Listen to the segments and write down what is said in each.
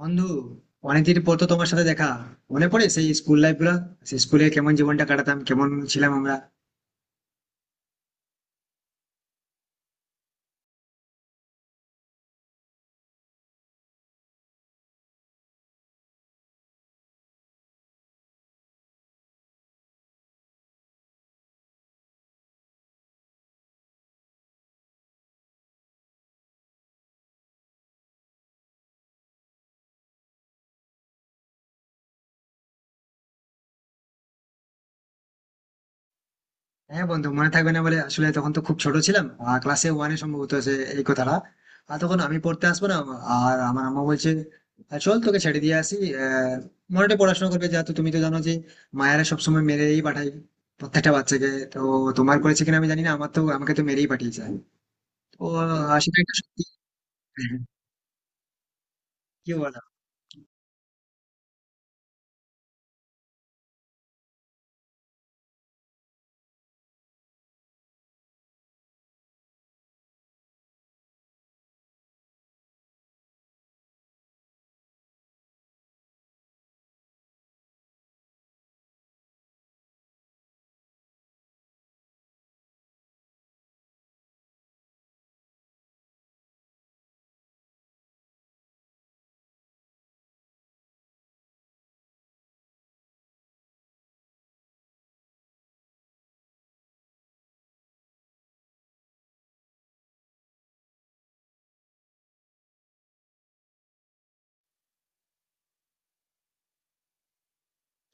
বন্ধু, অনেকদিন পর তো তোমার সাথে দেখা। মনে পড়ে সেই স্কুল লাইফ গুলা, সেই স্কুলে কেমন জীবনটা কাটাতাম, কেমন ছিলাম আমরা। হ্যাঁ বন্ধু, মনে থাকবে না বলে আসলে তখন তো খুব ছোট ছিলাম, আর ক্লাসে ওয়ানে সম্ভবত সে এই কথাটা। আর তখন আমি পড়তে আসবো না, আর আমার আম্মা বলছে, চল তোকে ছেড়ে দিয়ে আসি। আহ মনেটা পড়াশোনা করবে।" যেহেতু তুমি তো জানো যে মায়েরা সবসময় মেরেই পাঠায় প্রত্যেকটা বাচ্চাকে। তো তোমার করেছে কিনা আমি জানি না, আমার তো আমাকে তো মেরেই পাঠিয়েছে। তো সেটা একটা সত্যি। হ্যাঁ, কি বলো।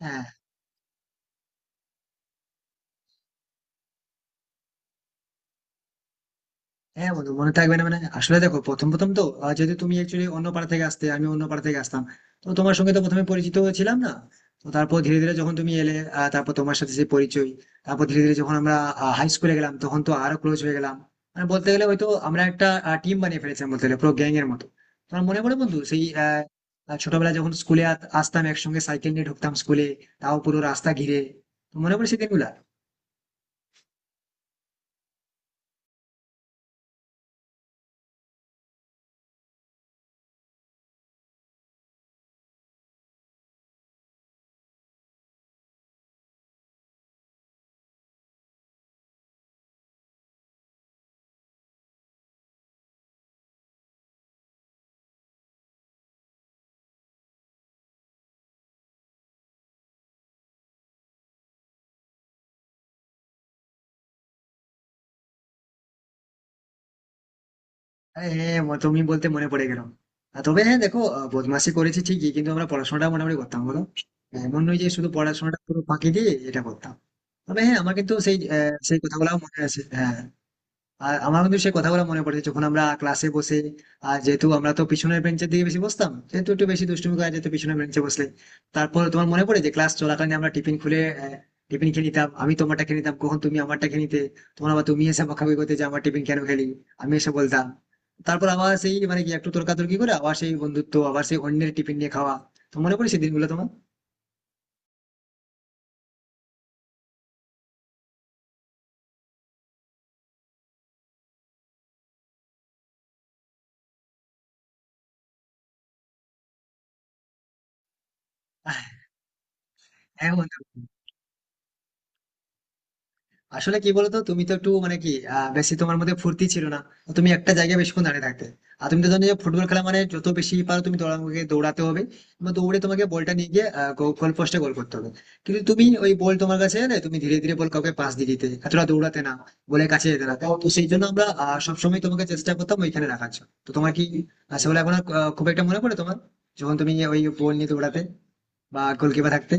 হ্যাঁ হ্যাঁ, বন্ধু মনে থাকবে না মানে? আসলে দেখো, প্রথম প্রথম তো যেহেতু তুমি একচুয়ালি অন্য পাড়া থেকে আসতে, আমি অন্য পাড়া থেকে আসতাম, তো তোমার সঙ্গে তো প্রথমে পরিচিত ছিলাম না। তো তারপর ধীরে ধীরে যখন তুমি এলে, তারপর তোমার সাথে সেই পরিচয়। তারপর ধীরে ধীরে যখন আমরা হাই স্কুলে গেলাম তখন তো আরো ক্লোজ হয়ে গেলাম। মানে বলতে গেলে হয়তো আমরা একটা টিম বানিয়ে ফেলেছিলাম, বলতে গেলে পুরো গ্যাং এর মতো। তোমার মনে পড়ে বন্ধু সেই ছোটবেলায় যখন স্কুলে আসতাম একসঙ্গে সাইকেল নিয়ে ঢুকতাম স্কুলে, তাও পুরো রাস্তা ঘিরে। তো মনে পড়ে সেই দিনগুলা? হ্যাঁ হ্যাঁ, হ্যাঁ, তুমি বলতে মনে পড়ে গেল। তবে হ্যাঁ দেখো, বদমাশি করেছি ঠিকই কিন্তু আমরা পড়াশোনাটা মোটামুটি করতাম, বলো। এমন নয় যে শুধু পড়াশোনাটা পুরো ফাঁকি দিয়ে এটা করতাম। তবে হ্যাঁ, আমার কিন্তু সেই সেই কথাগুলো মনে আছে, হ্যাঁ। আর আমার কিন্তু সেই কথাগুলো মনে পড়ে যখন আমরা ক্লাসে বসে, আর যেহেতু আমরা তো পিছনের বেঞ্চের দিকে বেশি বসতাম সেহেতু একটু বেশি দুষ্টুমি করা যেত পিছনের বেঞ্চে বসলে। তারপর তোমার মনে পড়ে যে ক্লাস চলাকালীন আমরা টিফিন খুলে টিফিন খেয়ে নিতাম, আমি তোমারটা খেয়ে নিতাম, কখন তুমি আমারটা খেয়ে নিতে। তখন আবার তুমি এসে বকাবকি করতে যে আমার টিফিন কেন খেলি, আমি এসে বলতাম। তারপর আবার সেই মানে কি একটু তর্কাতর্কি করে আবার সেই বন্ধুত্ব, আবার সেই অন্যের টিফিন নিয়ে খাওয়া। তো মনে পড়ে সেই দিনগুলো তোমার? হ্যাঁ বন্ধু, আসলে কি বলতো, তুমি তো একটু মানে কি, বেশি তোমার মধ্যে ফুর্তি ছিল না। তো তুমি একটা জায়গায় বেশিক্ষণ দাঁড়িয়ে থাকতে। আর তুমি তো জানো যে ফুটবল খেলা মানে যত বেশি পারো তুমি তোমাকে দৌড়াতে হবে, এবং দৌড়ে তোমাকে বলটা নিয়ে গিয়ে গোল পোস্টে গোল করতে হবে। কিন্তু তুমি ওই বল তোমার কাছে এলে তুমি ধীরে ধীরে বল কাউকে পাস দিয়ে দিতে, এতটা দৌড়াতে না, বলে কাছে যেতে না। তো তো সেই জন্য আমরা সবসময় তোমাকে চেষ্টা করতাম ওইখানে রাখার জন্য। তো তোমার কি সেগুলো এখন আর, খুব একটা মনে পড়ে তোমার, যখন তুমি ওই বল নিয়ে দৌড়াতে বা গোলকিপার থাকতে?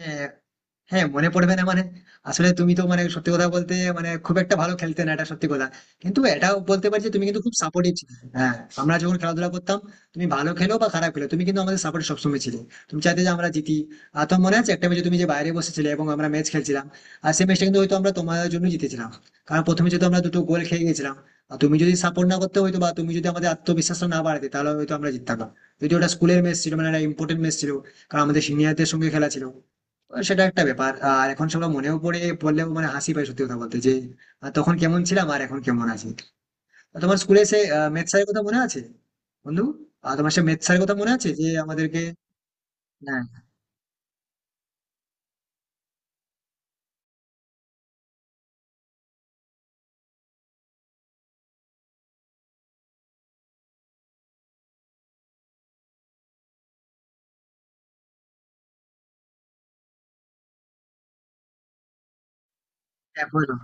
হ্যাঁ, হ্যাঁ মনে পড়বে না মানে? আসলে তুমি তো মানে সত্যি কথা বলতে মানে খুব একটা ভালো খেলতে না, এটা সত্যি কথা। কিন্তু এটাও বলতে পারি যে তুমি কিন্তু খুব সাপোর্টিভ ছিলে, হ্যাঁ। আমরা যখন খেলাধুলা করতাম তুমি ভালো খেলো বা খারাপ খেলো তুমি কিন্তু আমাদের সাপোর্ট সবসময় ছিলে, তুমি চাইতে যে আমরা জিতি। আর তোমার মনে আছে একটা ম্যাচে তুমি যে বাইরে বসেছিলে এবং আমরা ম্যাচ খেলছিলাম, আর সেই ম্যাচটা কিন্তু হয়তো আমরা তোমাদের জন্য জিতেছিলাম। কারণ প্রথমে যদি আমরা দুটো গোল খেয়ে গেছিলাম, আর তুমি যদি সাপোর্ট না করতে, হয়তো বা তুমি যদি আমাদের আত্মবিশ্বাসটা না বাড়াতে তাহলে হয়তো আমরা জিততাম না। যদি ওটা স্কুলের ম্যাচ ছিল, মানে একটা ইম্পর্টেন্ট ম্যাচ ছিল, কারণ আমাদের সিনিয়রদের সঙ্গে খেলা ছিল। সেটা একটা ব্যাপার, আর এখন সেগুলো মনেও পড়ে, পড়লেও মানে হাসি পায় সত্যি কথা বলতে, যে তখন কেমন ছিলাম আর এখন কেমন আছি। তো তোমার স্কুলে সে ম্যাথ স্যারের কথা মনে আছে বন্ধু? তোমার সে ম্যাথ স্যারের কথা মনে আছে যে আমাদেরকে? হ্যাঁ হ্যাঁ, বলো।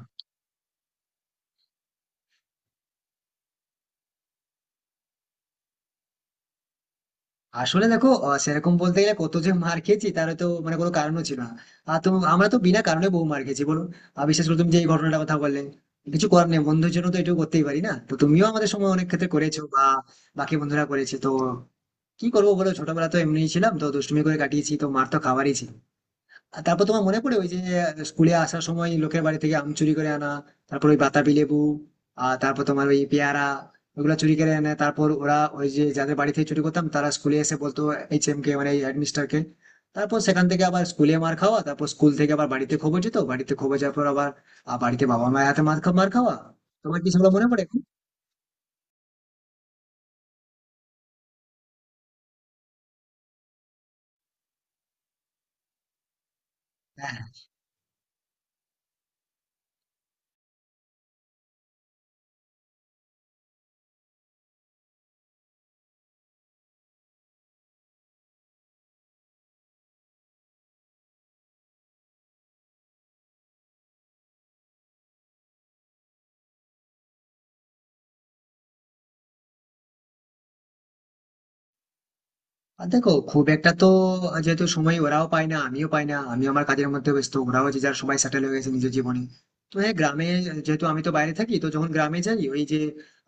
আসলে দেখো, সেরকম বলতে গেলে কত যে মার খেয়েছি তার তো মানে কোনো কারণও ছিল না। আর তো আমরা তো বিনা কারণে বহু মার খেয়েছি, বলো। আর বিশেষ করে তুমি যে এই ঘটনাটা কথা বললে, কিছু করার নেই, বন্ধুর জন্য তো এটুকু করতেই পারি না? তো তুমিও আমাদের সময় অনেক ক্ষেত্রে করেছো, বা বাকি বন্ধুরা করেছে তো। কি করবো বলো, ছোটবেলা তো এমনিই ছিলাম, তো দুষ্টুমি করে কাটিয়েছি তো মার তো খাওয়ারই ছিল। আর তারপর তোমার মনে পড়ে ওই যে স্কুলে আসার সময় লোকের বাড়ি থেকে আম চুরি করে আনা, তারপর ওই বাতাবি লেবু, আর তারপর তোমার ওই পেয়ারা, ওগুলা চুরি করে আনে, তারপর ওরা ওই যে যাদের বাড়ি থেকে চুরি করতাম তারা স্কুলে এসে বলতো এইচ এম কে মানে হেডমিস্টার কে। তারপর সেখান থেকে আবার স্কুলে মার খাওয়া, তারপর স্কুল থেকে আবার বাড়িতে খবর যেত, বাড়িতে খবর যাওয়ার পর আবার বাড়িতে বাবা মায়ের হাতে মার খাওয়া। তোমার কি সেগুলো মনে পড়ে এখন? হ্যাঁ, আর দেখো খুব একটা তো, যেহেতু সময় ওরাও পায় না আমিও পাই না, আমি আমার কাজের মধ্যে ব্যস্ত, ওরাও যে যার সবাই সেটেল হয়ে গেছে নিজের জীবনে। তো হ্যাঁ, গ্রামে, যেহেতু আমি তো বাইরে থাকি তো যখন গ্রামে যাই, ওই যে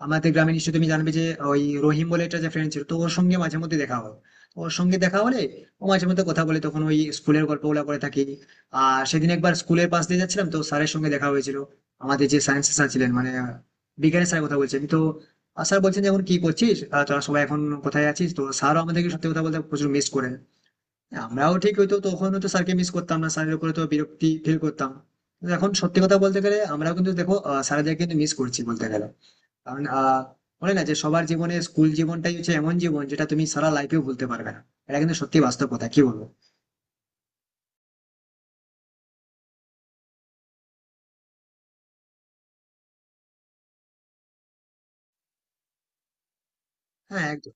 আমাদের গ্রামে নিশ্চয়ই তুমি জানবে যে ওই রহিম বলে একটা যে ফ্রেন্ড ছিল, তো ওর সঙ্গে মাঝে মধ্যে দেখা হয়। তো ওর সঙ্গে দেখা হলে ও মাঝে মধ্যে কথা বলে, তখন ওই স্কুলের গল্পগুলো করে থাকি। আর সেদিন একবার স্কুলের পাশ দিয়ে যাচ্ছিলাম তো স্যারের সঙ্গে দেখা হয়েছিল। আমাদের যে সায়েন্স স্যার ছিলেন, মানে বিজ্ঞানের স্যার কথা বলছেন তো, আর স্যার বলছেন যে এখন কি করছিস, তোরা সবাই এখন কোথায় আছিস। তো স্যারও আমাদেরকে সত্যি কথা বলতে প্রচুর মিস করে, আমরাও ঠিক হয়তো তখন হয়তো স্যারকে মিস করতাম না, স্যারের উপরে তো বিরক্তি ফিল করতাম, কিন্তু এখন সত্যি কথা বলতে গেলে আমরাও কিন্তু দেখো স্যারদের কিন্তু মিস করছি বলতে গেলে। কারণ বলে না যে সবার জীবনে স্কুল জীবনটাই হচ্ছে এমন জীবন যেটা তুমি সারা লাইফেও ভুলতে পারবে না। এটা কিন্তু সত্যি বাস্তব কথা, কি বলবো। হ্যাঁ একদম।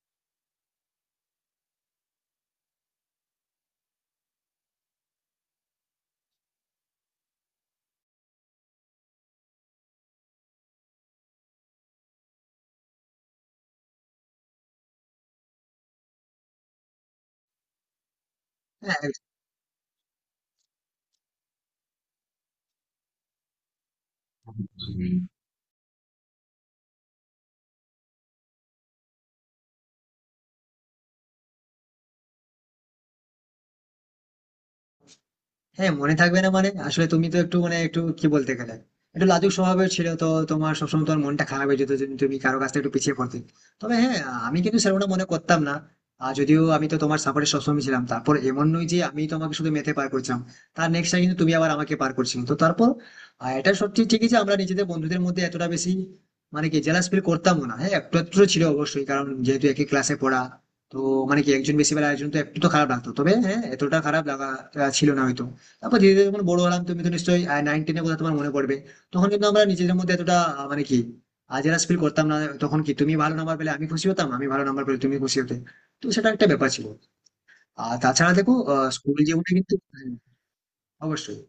হ্যাঁ হ্যাঁ, মনে থাকবে না মানে? আসলে তুমি তো একটু মানে একটু কি বলতে গেলে একটু লাজুক স্বভাবের ছিল তো, তোমার সবসময় তোমার মনটা খারাপ হয়ে যেত যদি তুমি কারো কাছ থেকে একটু পিছিয়ে পড়তে। তবে হ্যাঁ, আমি কিন্তু সেরকমটা মনে করতাম না। আর যদিও আমি তো তোমার সাপোর্টে সবসময় ছিলাম, তারপর এমন নয় যে আমি তোমাকে শুধু মেতে পার করছিলাম, তার নেক্সট টাইম কিন্তু তুমি আবার আমাকে পার করছিলে। তো তারপর এটা সত্যি ঠিকই যে আমরা নিজেদের বন্ধুদের মধ্যে এতটা বেশি মানে কি জেলাস ফিল করতাম না। হ্যাঁ একটু একটু ছিল অবশ্যই, কারণ যেহেতু একই ক্লাসে পড়া। তো মানে কি একজন বেশি বেলা একজন তো একটু তো খারাপ লাগতো, তবে হ্যাঁ এতটা খারাপ লাগা ছিল না হয়তো। তারপর ধীরে ধীরে যখন বড় হলাম, তুমি তো নিশ্চয়ই নাইন টেনের কথা তোমার মনে পড়বে, তখন কিন্তু আমরা নিজেদের মধ্যে এতটা মানে কি জেলাস ফিল করতাম না। তখন কি তুমি ভালো নাম্বার পেলে আমি খুশি হতাম, আমি ভালো নাম্বার পেলে তুমি খুশি হতে। তো সেটা একটা ব্যাপার ছিল। আর তাছাড়া দেখো, স্কুল জীবনে কিন্তু হ্যাঁ, অবশ্যই।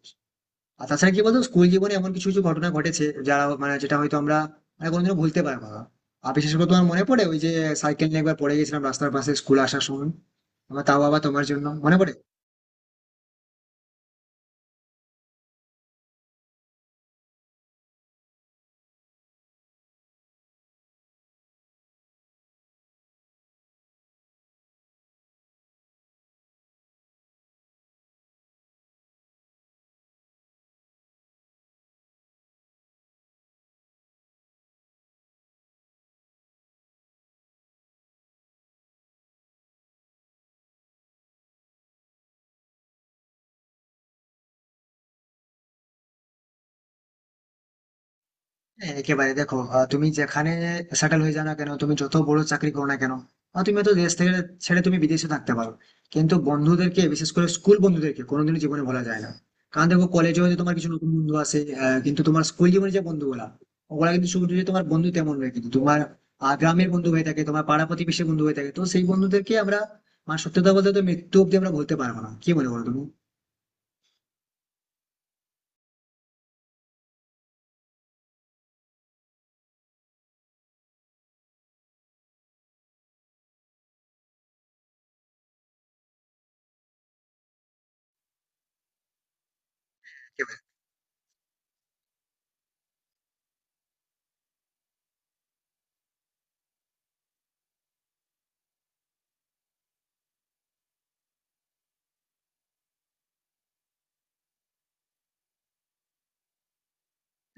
আর তাছাড়া কি বলতো, স্কুল জীবনে এমন কিছু কিছু ঘটনা ঘটেছে যারা মানে যেটা হয়তো আমরা মানে কোনোদিনও ভুলতে পারবো না। আর বিশেষ করে তোমার মনে পড়ে ওই যে সাইকেল নিয়ে একবার পড়ে গেছিলাম রাস্তার পাশে স্কুল আসার সময়, আমার তাও আবার তোমার জন্য মনে পড়ে। হ্যাঁ, একেবারে দেখো, তুমি যেখানে সেটেল হয়ে যাও না কেন, তুমি যত বড় চাকরি করো না কেন, তুমি তো দেশ থেকে ছেড়ে তুমি বিদেশে থাকতে পারো, কিন্তু বন্ধুদেরকে বিশেষ করে স্কুল বন্ধুদেরকে কোনোদিনও জীবনে ভোলা যায় না। কারণ দেখো কলেজে হয়তো তোমার কিছু নতুন বন্ধু আসে, কিন্তু তোমার স্কুল জীবনে যে বন্ধুগুলা, ওগুলা কিন্তু শুধু যে তোমার বন্ধু তেমন নয়, কিন্তু তোমার গ্রামের বন্ধু হয়ে থাকে, তোমার পাড়া প্রতিবেশী বন্ধু হয়ে থাকে। তো সেই বন্ধুদেরকে আমরা মানে সত্যি কথা বলতে তো মৃত্যু অব্দি আমরা বলতে পারবো না। কি মনে করো তুমি?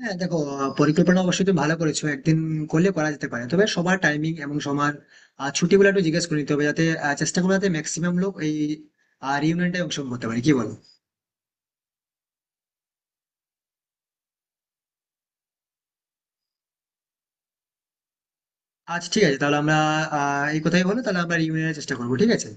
হ্যাঁ দেখো, পরিকল্পনা অবশ্যই তুমি ভালো করেছো, একদিন করলে করা যেতে পারে। তবে সবার টাইমিং এবং সবার ছুটিগুলো একটু জিজ্ঞেস করে নিতে হবে, যাতে চেষ্টা করবো যাতে ম্যাক্সিমাম লোক এই রিউনিয়নটা অংশগ্রহণ করতে পারে। কি বলো? আচ্ছা ঠিক আছে, তাহলে আমরা এই কথাই বলো, তাহলে আমরা রিউনিয়নের চেষ্টা করবো, ঠিক আছে।